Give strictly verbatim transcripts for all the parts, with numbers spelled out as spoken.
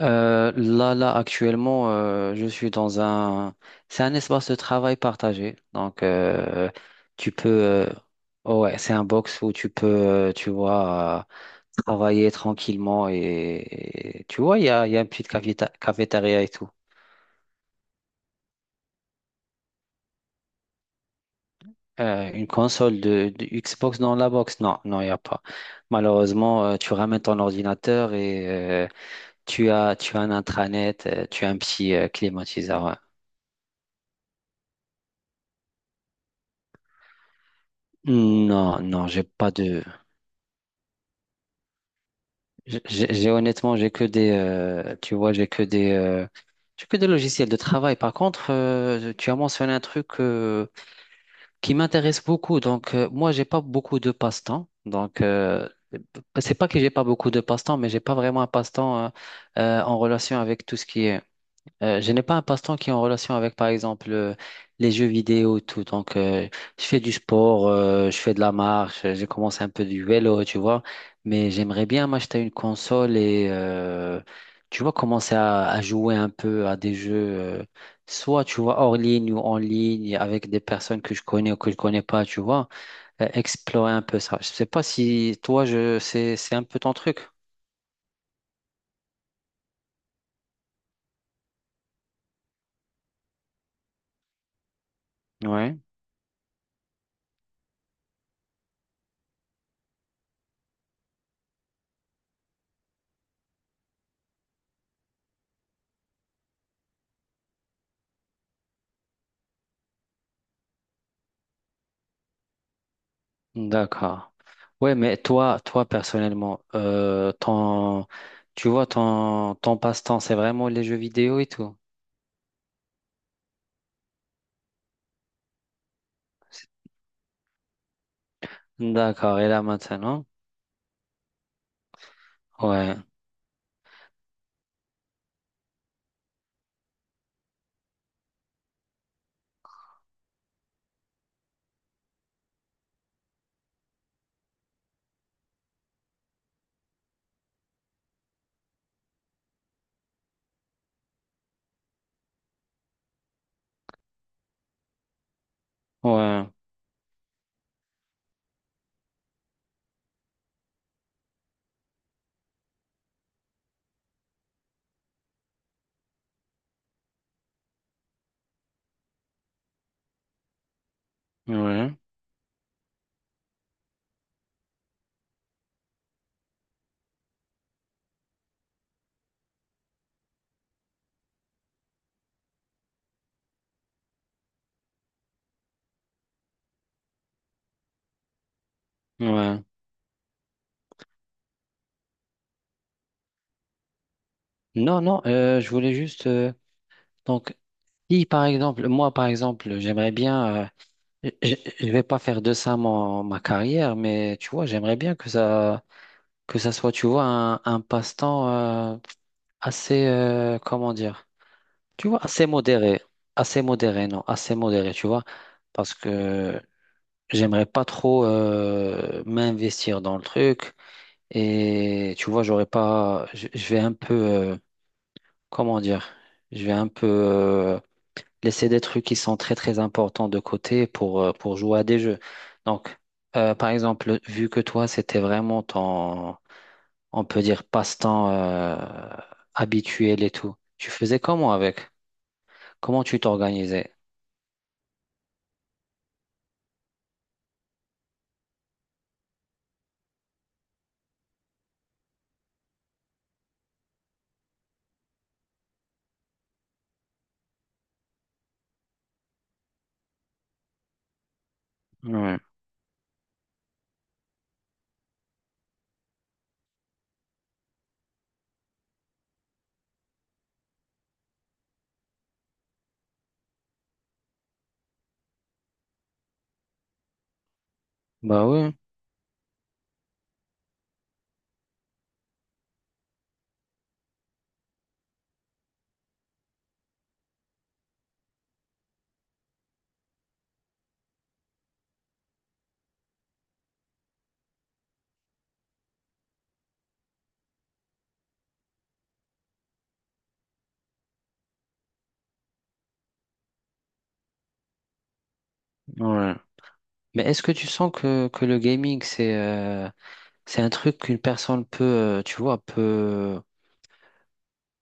Euh, là, là, actuellement, euh, je suis dans un... C'est un espace de travail partagé. Donc, euh, tu peux... euh, ouais, c'est un box où tu peux, euh, tu vois, euh, travailler tranquillement. Et, et tu vois, il y a, il y a une petite caféta- cafétéria et tout. Euh, une console de, de Xbox dans la box? Non, non, il n'y a pas. Malheureusement, euh, tu ramènes ton ordinateur et euh, tu as, tu as un intranet, euh, tu as un petit euh, climatiseur. Ouais. Non, non, j'ai pas de. J'ai j'ai- Honnêtement, j'ai que des, euh, tu vois, j'ai que des, euh, j'ai que des logiciels de travail. Par contre, euh, tu as mentionné un truc euh, qui m'intéresse beaucoup. Donc, euh, moi, j'ai pas beaucoup de passe-temps. Donc, euh, c'est pas que j'ai pas beaucoup de passe-temps, mais j'ai pas vraiment un passe-temps euh, euh, en relation avec tout ce qui est euh, je n'ai pas un passe-temps qui est en relation avec, par exemple, euh, les jeux vidéo et tout. Donc, euh, je fais du sport, euh, je fais de la marche, euh, j'ai commencé un peu du vélo, tu vois. Mais j'aimerais bien m'acheter une console et, euh, tu vois, commencer à, à jouer un peu à des jeux, euh, soit, tu vois, hors ligne ou en ligne, avec des personnes que je connais ou que je connais pas, tu vois. Euh, explorer un peu ça. Je sais pas si toi, je, c'est, c'est un peu ton truc. Ouais. D'accord. Ouais, mais toi, toi personnellement, euh, ton, tu vois, ton, ton passe-temps, c'est vraiment les jeux vidéo et tout. D'accord. Et là maintenant, ouais, ouais, ouais, ouais. Non, non. Euh, je voulais juste. Euh, donc, si par exemple, moi par exemple, j'aimerais bien. Euh, je, je vais pas faire de ça mon, ma carrière, mais tu vois, j'aimerais bien que ça, que ça soit, tu vois, un, un passe-temps euh, assez, euh, comment dire. Tu vois, assez modéré, assez modéré, non, assez modéré, tu vois, parce que j'aimerais pas trop euh, m'investir dans le truc et tu vois, j'aurais pas, je, je vais un peu, euh, comment dire, je vais un peu euh, laisser des trucs qui sont très très importants de côté pour euh, pour jouer à des jeux. Donc, euh, par exemple, vu que toi, c'était vraiment ton, on peut dire passe-temps euh, habituel et tout, tu faisais comment avec? Comment tu t'organisais? Ouais. Bah ouais, ouais. Mais est-ce que tu sens que, que le gaming, c'est euh, c'est un truc qu'une personne peut, euh, tu vois, peut,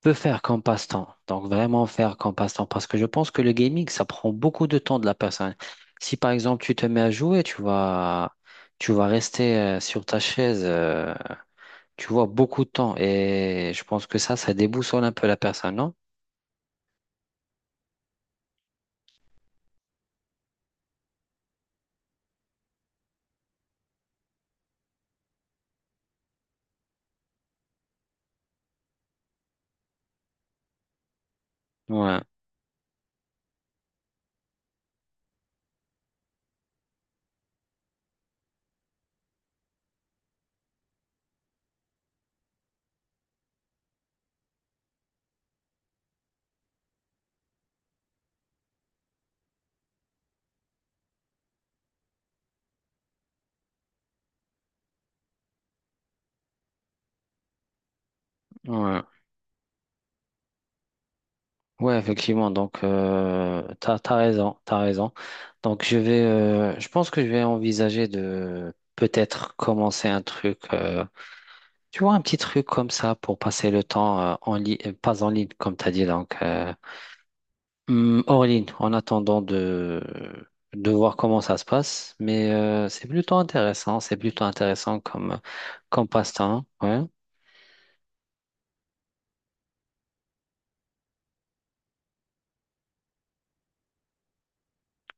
peut faire comme passe-temps. Donc vraiment faire comme passe-temps. Parce que je pense que le gaming, ça prend beaucoup de temps de la personne. Si par exemple tu te mets à jouer, tu vas, tu vas rester euh, sur ta chaise, euh, tu vois, beaucoup de temps. Et je pense que ça, ça déboussole un peu la personne, non? Ouais, ouais. Ouais, effectivement. Donc, euh, t'as, t'as raison, t'as raison. Donc, je vais, euh, je pense que je vais envisager de peut-être commencer un truc, euh, tu vois, un petit truc comme ça pour passer le temps euh, en ligne, pas en ligne, comme t'as dit, donc euh, hum, hors ligne, en attendant de de voir comment ça se passe. Mais euh, c'est plutôt intéressant, c'est plutôt intéressant comme comme passe-temps. Ouais.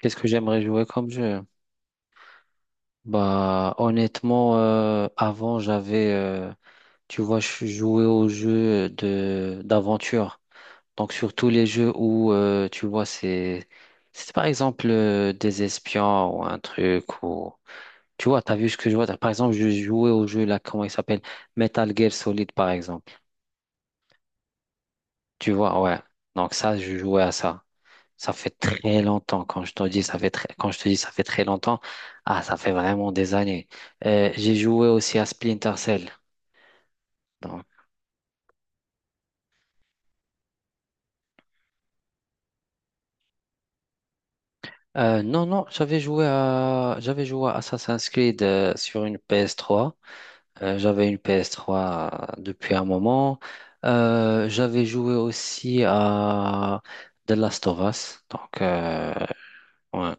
Qu'est-ce que j'aimerais jouer comme jeu? Bah, honnêtement, euh, avant j'avais euh, tu vois, je suis joué aux jeux de d'aventure. Donc surtout les jeux où euh, tu vois c'est c'est par exemple euh, des espions ou un truc ou tu vois, t'as vu ce que je vois. t'as- Par exemple, je jouais au jeu là, comment il s'appelle? Metal Gear Solid par exemple. Tu vois, ouais. Donc ça, je jouais à ça. Ça fait très longtemps. Quand je te dis ça fait très quand je te dis ça fait très longtemps, ah ça fait vraiment des années. Euh, j'ai joué aussi à Splinter Cell. Donc euh, non, non, j'avais joué à, j'avais joué à Assassin's Creed euh, sur une P S trois. Euh, j'avais une P S trois depuis un moment. Euh, j'avais joué aussi à The Last of Us. Donc, euh, ouais.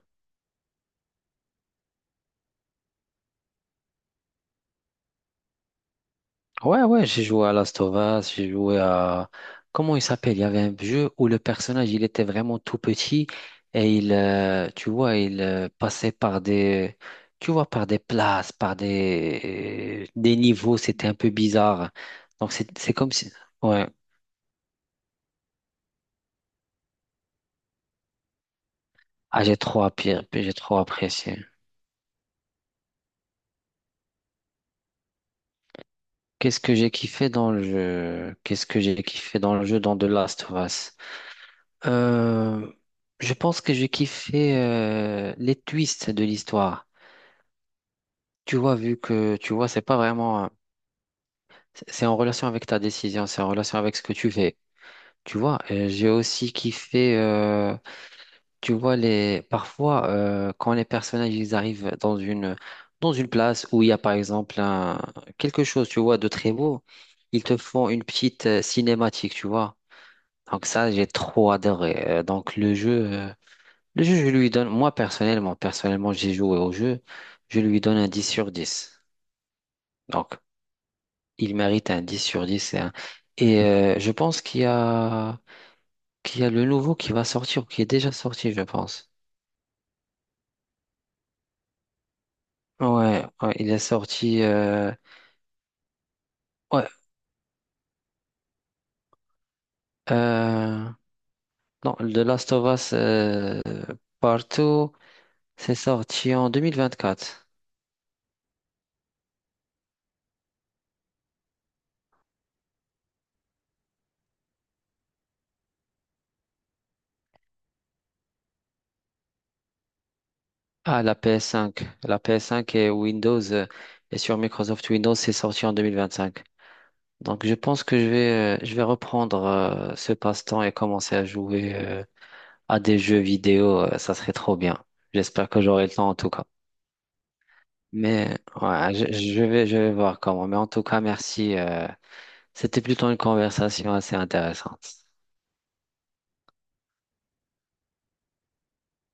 Ouais, ouais, j'ai joué à Last of Us, j'ai joué à... Comment il s'appelle? Il y avait un jeu où le personnage, il était vraiment tout petit et il, euh, tu vois, il euh, passait par des... Tu vois, par des places, par des, des niveaux, c'était un peu bizarre. Donc, c'est c'est comme si... Ouais, ah, j'ai trop apprécié, j'ai trop apprécié. Qu'est-ce que j'ai kiffé dans le jeu? Qu'est-ce que j'ai kiffé dans le jeu dans The Last of Us? Euh, je pense que j'ai kiffé euh, les twists de l'histoire. Tu vois, vu que, tu vois, c'est pas vraiment, euh, c'est c'est en relation avec ta décision, c'est en relation avec ce que tu fais. Tu vois, euh, j'ai aussi kiffé, euh, tu vois, les, parfois, euh, quand les personnages, ils arrivent dans une, dans une place où il y a, par exemple, un, quelque chose, tu vois, de très beau, ils te font une petite euh, cinématique, tu vois. Donc ça, j'ai trop adoré. Euh, donc le jeu, euh, le jeu, je lui donne, moi, personnellement, personnellement, j'ai joué au jeu, je lui donne un dix sur dix. Donc, il mérite un dix sur dix hein. Et euh, je pense qu'il y a, qu'il y a le nouveau qui va sortir, ou qui est déjà sorti, je pense. Ouais, ouais, il est sorti. euh, ouais, euh, non, The Last of Us euh, Partout, c'est sorti en deux mille vingt-quatre. Ah, la P S cinq. La P S cinq et Windows, euh, et sur Microsoft Windows, c'est sorti en deux mille vingt-cinq. Donc, je pense que je vais, euh, je vais reprendre euh, ce passe-temps et commencer à jouer. Euh, à des jeux vidéo, euh, ça serait trop bien. J'espère que j'aurai le temps en tout cas. Mais ouais, je, je vais, je vais voir comment. Mais en tout cas, merci. Euh, c'était plutôt une conversation assez intéressante.